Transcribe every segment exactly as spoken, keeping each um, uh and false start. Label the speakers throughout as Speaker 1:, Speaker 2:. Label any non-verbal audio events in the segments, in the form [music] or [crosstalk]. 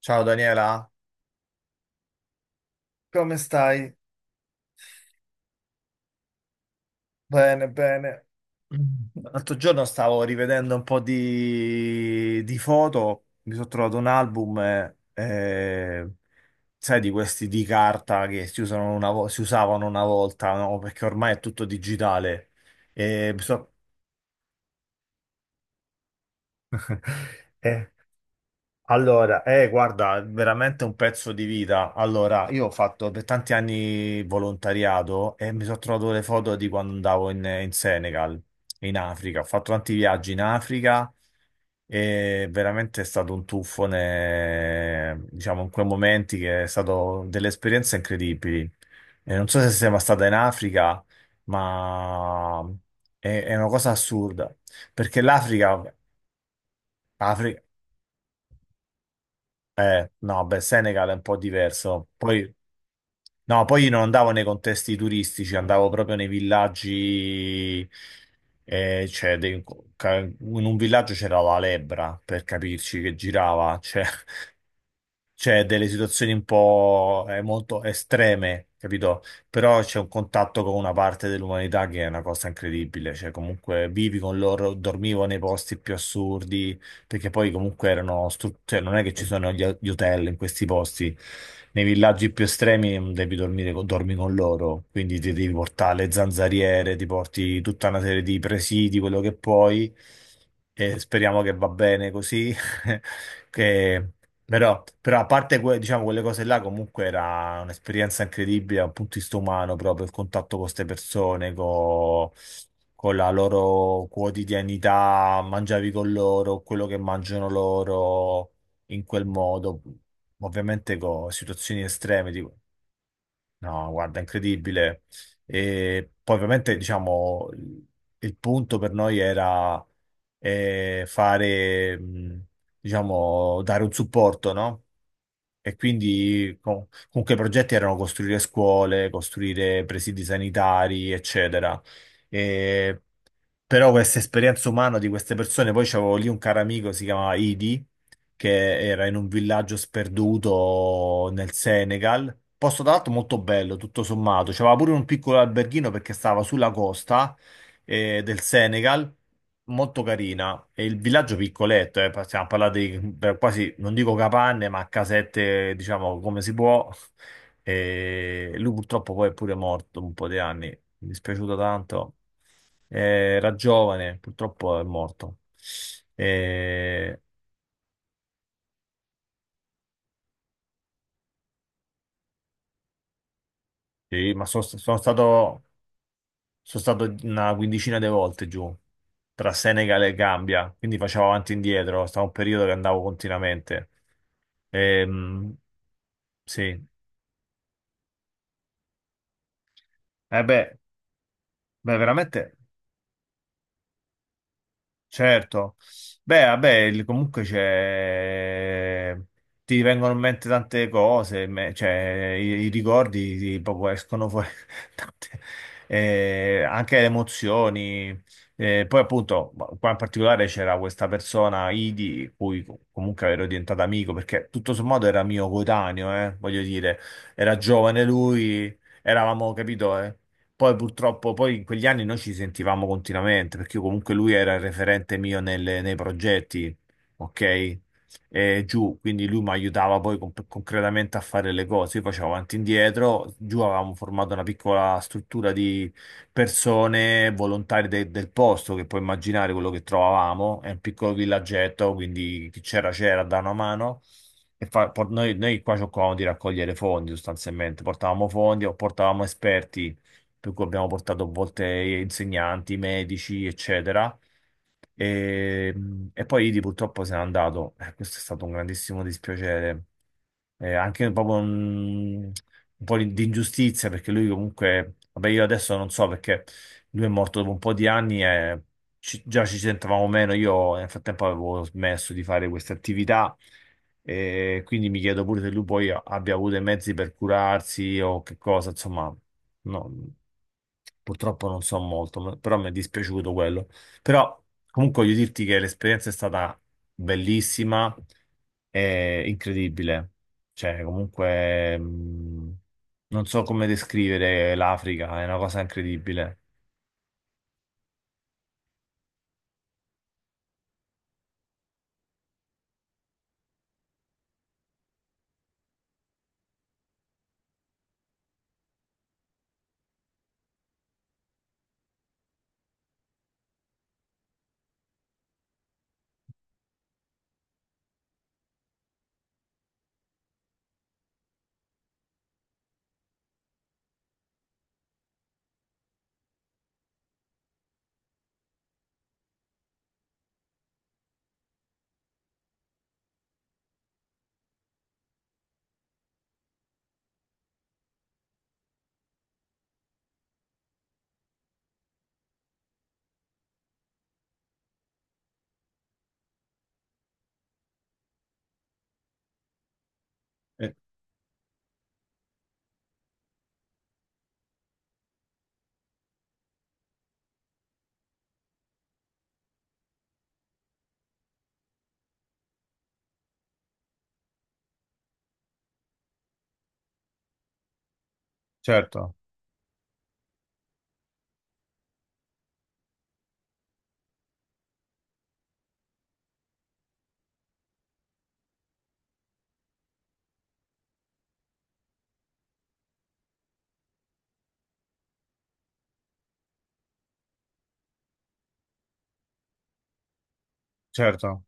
Speaker 1: Ciao Daniela, come stai? Bene, bene. L'altro giorno stavo rivedendo un po' di, di foto, mi sono trovato un album, eh, eh, sai, di questi di carta che si usano una vo- si usavano una volta, no? Perché ormai è tutto digitale. E mi so- [laughs] Eh, Allora, eh, guarda, è veramente un pezzo di vita. Allora, io ho fatto per tanti anni volontariato e mi sono trovato le foto di quando andavo in, in Senegal, in Africa. Ho fatto tanti viaggi in Africa e veramente è stato un tuffo, ne- diciamo, in quei momenti che è stato delle esperienze incredibili. E non so se sei mai stata in Africa, ma è, è una cosa assurda, perché l'Africa. Afri- Eh, no, beh, Senegal è un po' diverso. Poi, no, poi io non andavo nei contesti turistici, andavo proprio nei villaggi, eh, cioè, dei- ca- in un villaggio c'era la lebbra, per capirci, che girava, cioè, c'è delle situazioni un po' eh, molto estreme, capito? Però c'è un contatto con una parte dell'umanità che è una cosa incredibile, cioè comunque vivi con loro, dormivo nei posti più assurdi, perché poi comunque erano, stru- cioè non è che ci sono gli, gli hotel in questi posti, nei villaggi più estremi, mm, devi dormire, con- dormi con loro, quindi ti devi portare le zanzariere, ti porti tutta una serie di presidi, quello che puoi, e speriamo che va bene così. [laughs] che però, però a parte que- diciamo, quelle cose là, comunque era un'esperienza incredibile dal punto di vista umano, proprio il contatto con queste persone, co- con la loro quotidianità, mangiavi con loro, quello che mangiano loro in quel modo, ovviamente con situazioni estreme. Tipo- No, guarda, incredibile. E poi ovviamente, diciamo, il il punto per noi era, eh, fare, mh, diciamo, dare un supporto, no? E quindi co- comunque i progetti erano costruire scuole, costruire presidi sanitari, eccetera. E però questa esperienza umana di queste persone, poi c'avevo lì un caro amico, si chiamava Idi, che era in un villaggio sperduto nel Senegal. Posto tra l'altro molto bello, tutto sommato. C'aveva pure un piccolo alberghino perché stava sulla costa, eh, del Senegal, molto carina. E il villaggio piccoletto, eh, stiamo parlando di per quasi, non dico capanne, ma casette, diciamo, come si può. E lui purtroppo poi è pure morto un po' di anni, mi è dispiaciuto tanto. Eh, Era giovane, purtroppo è morto. Eh, Sì, ma so- sono stato, sono stato una quindicina di volte giù tra Senegal e Gambia, quindi facevo avanti e indietro, stavo un periodo che andavo continuamente. Ehm, sì, eh beh, beh, veramente. Certo, beh, vabbè, il- comunque c'è, ti vengono in mente tante cose, me- cioè, i, i ricordi ti- proprio escono fuori, [laughs] tante- eh, anche le emozioni. Eh, poi appunto, ma- qua in particolare c'era questa persona, Idi, cui co- comunque ero diventato amico, perché tutto sommato era mio coetaneo, eh, voglio dire, era giovane lui, eravamo, capito, eh? Poi purtroppo, poi in quegli anni noi ci sentivamo continuamente, perché io comunque lui era il referente mio nelle- nei progetti, ok? E giù, quindi lui mi aiutava poi con- concretamente a fare le cose. Io facevo avanti e indietro, giù avevamo formato una piccola struttura di persone, volontari de- del posto, che puoi immaginare quello che trovavamo, è un piccolo villaggetto, quindi chi c'era c'era, da una mano. E fa- por- noi, noi qua cercavamo di raccogliere fondi sostanzialmente, portavamo fondi o portavamo esperti, per cui abbiamo portato a volte insegnanti, medici, eccetera. E, e poi Idi purtroppo se n'è andato. Eh, questo è stato un grandissimo dispiacere, Eh, anche proprio un, un po' di di ingiustizia, perché lui comunque, vabbè, io adesso non so perché lui è morto dopo un po' di anni e ci- già ci sentavamo meno. Io nel frattempo avevo smesso di fare queste attività. E quindi mi chiedo pure se lui poi abbia avuto i mezzi per curarsi o che cosa, insomma, no. Purtroppo non so molto, ma- però mi è dispiaciuto quello. Però comunque voglio dirti che l'esperienza è stata bellissima e incredibile. Cioè, comunque, mh, non so come descrivere l'Africa, è una cosa incredibile. Eh, certo, certo.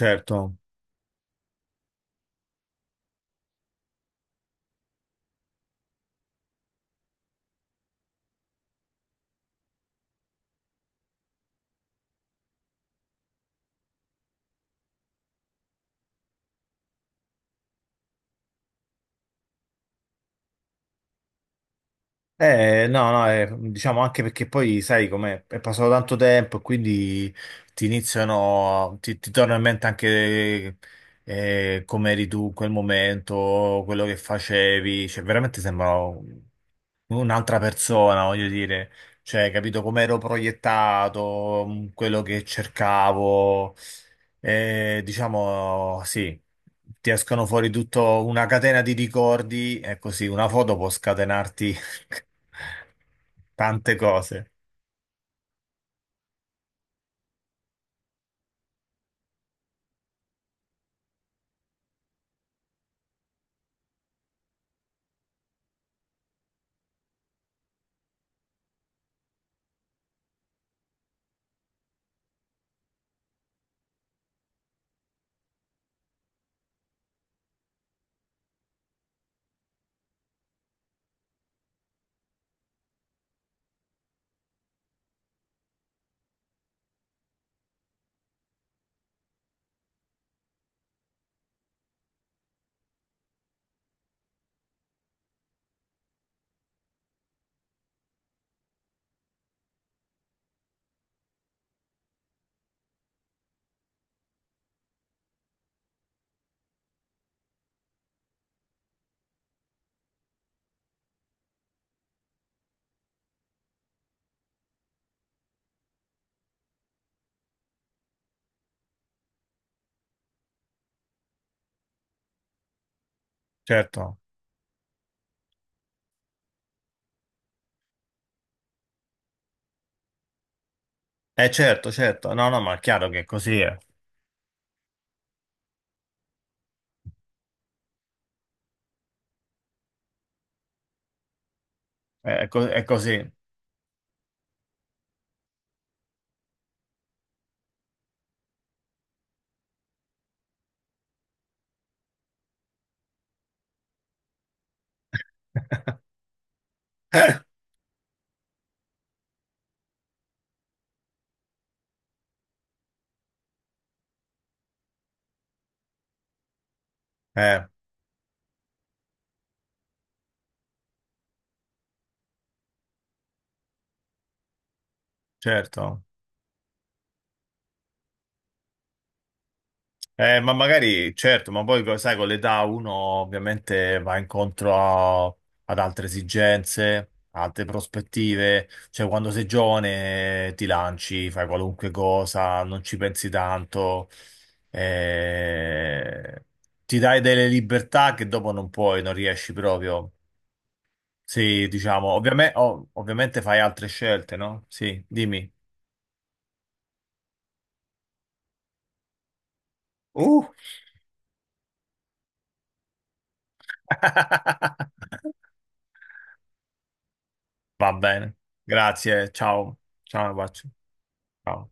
Speaker 1: Certo. Eh, no, no, eh, diciamo anche perché poi sai com'è, è passato tanto tempo e quindi ti iniziano, ti, ti torna in mente anche, eh, come eri tu in quel momento, quello che facevi, cioè veramente sembra un'altra persona, voglio dire, cioè, capito come ero proiettato, mh, quello che cercavo. Eh, diciamo, sì, ti escono fuori tutto una catena di ricordi, è così, una foto può scatenarti [laughs] tante cose, certo, eh certo, certo, no, no, ma è chiaro che così è, è, co- è così, eh, certo. Eh, ma magari, certo, ma poi co- sai, con l'età uno ovviamente va incontro a- ad altre esigenze, altre prospettive, cioè quando sei giovane, eh, ti lanci, fai qualunque cosa, non ci pensi tanto, eh, ti dai delle libertà che dopo non puoi, non riesci proprio. Sì, diciamo, ovviame- ov- ovviamente fai altre scelte, no? Sì, dimmi. Uh! [laughs] Va bene, grazie, ciao, ciao, un bacio. Ciao.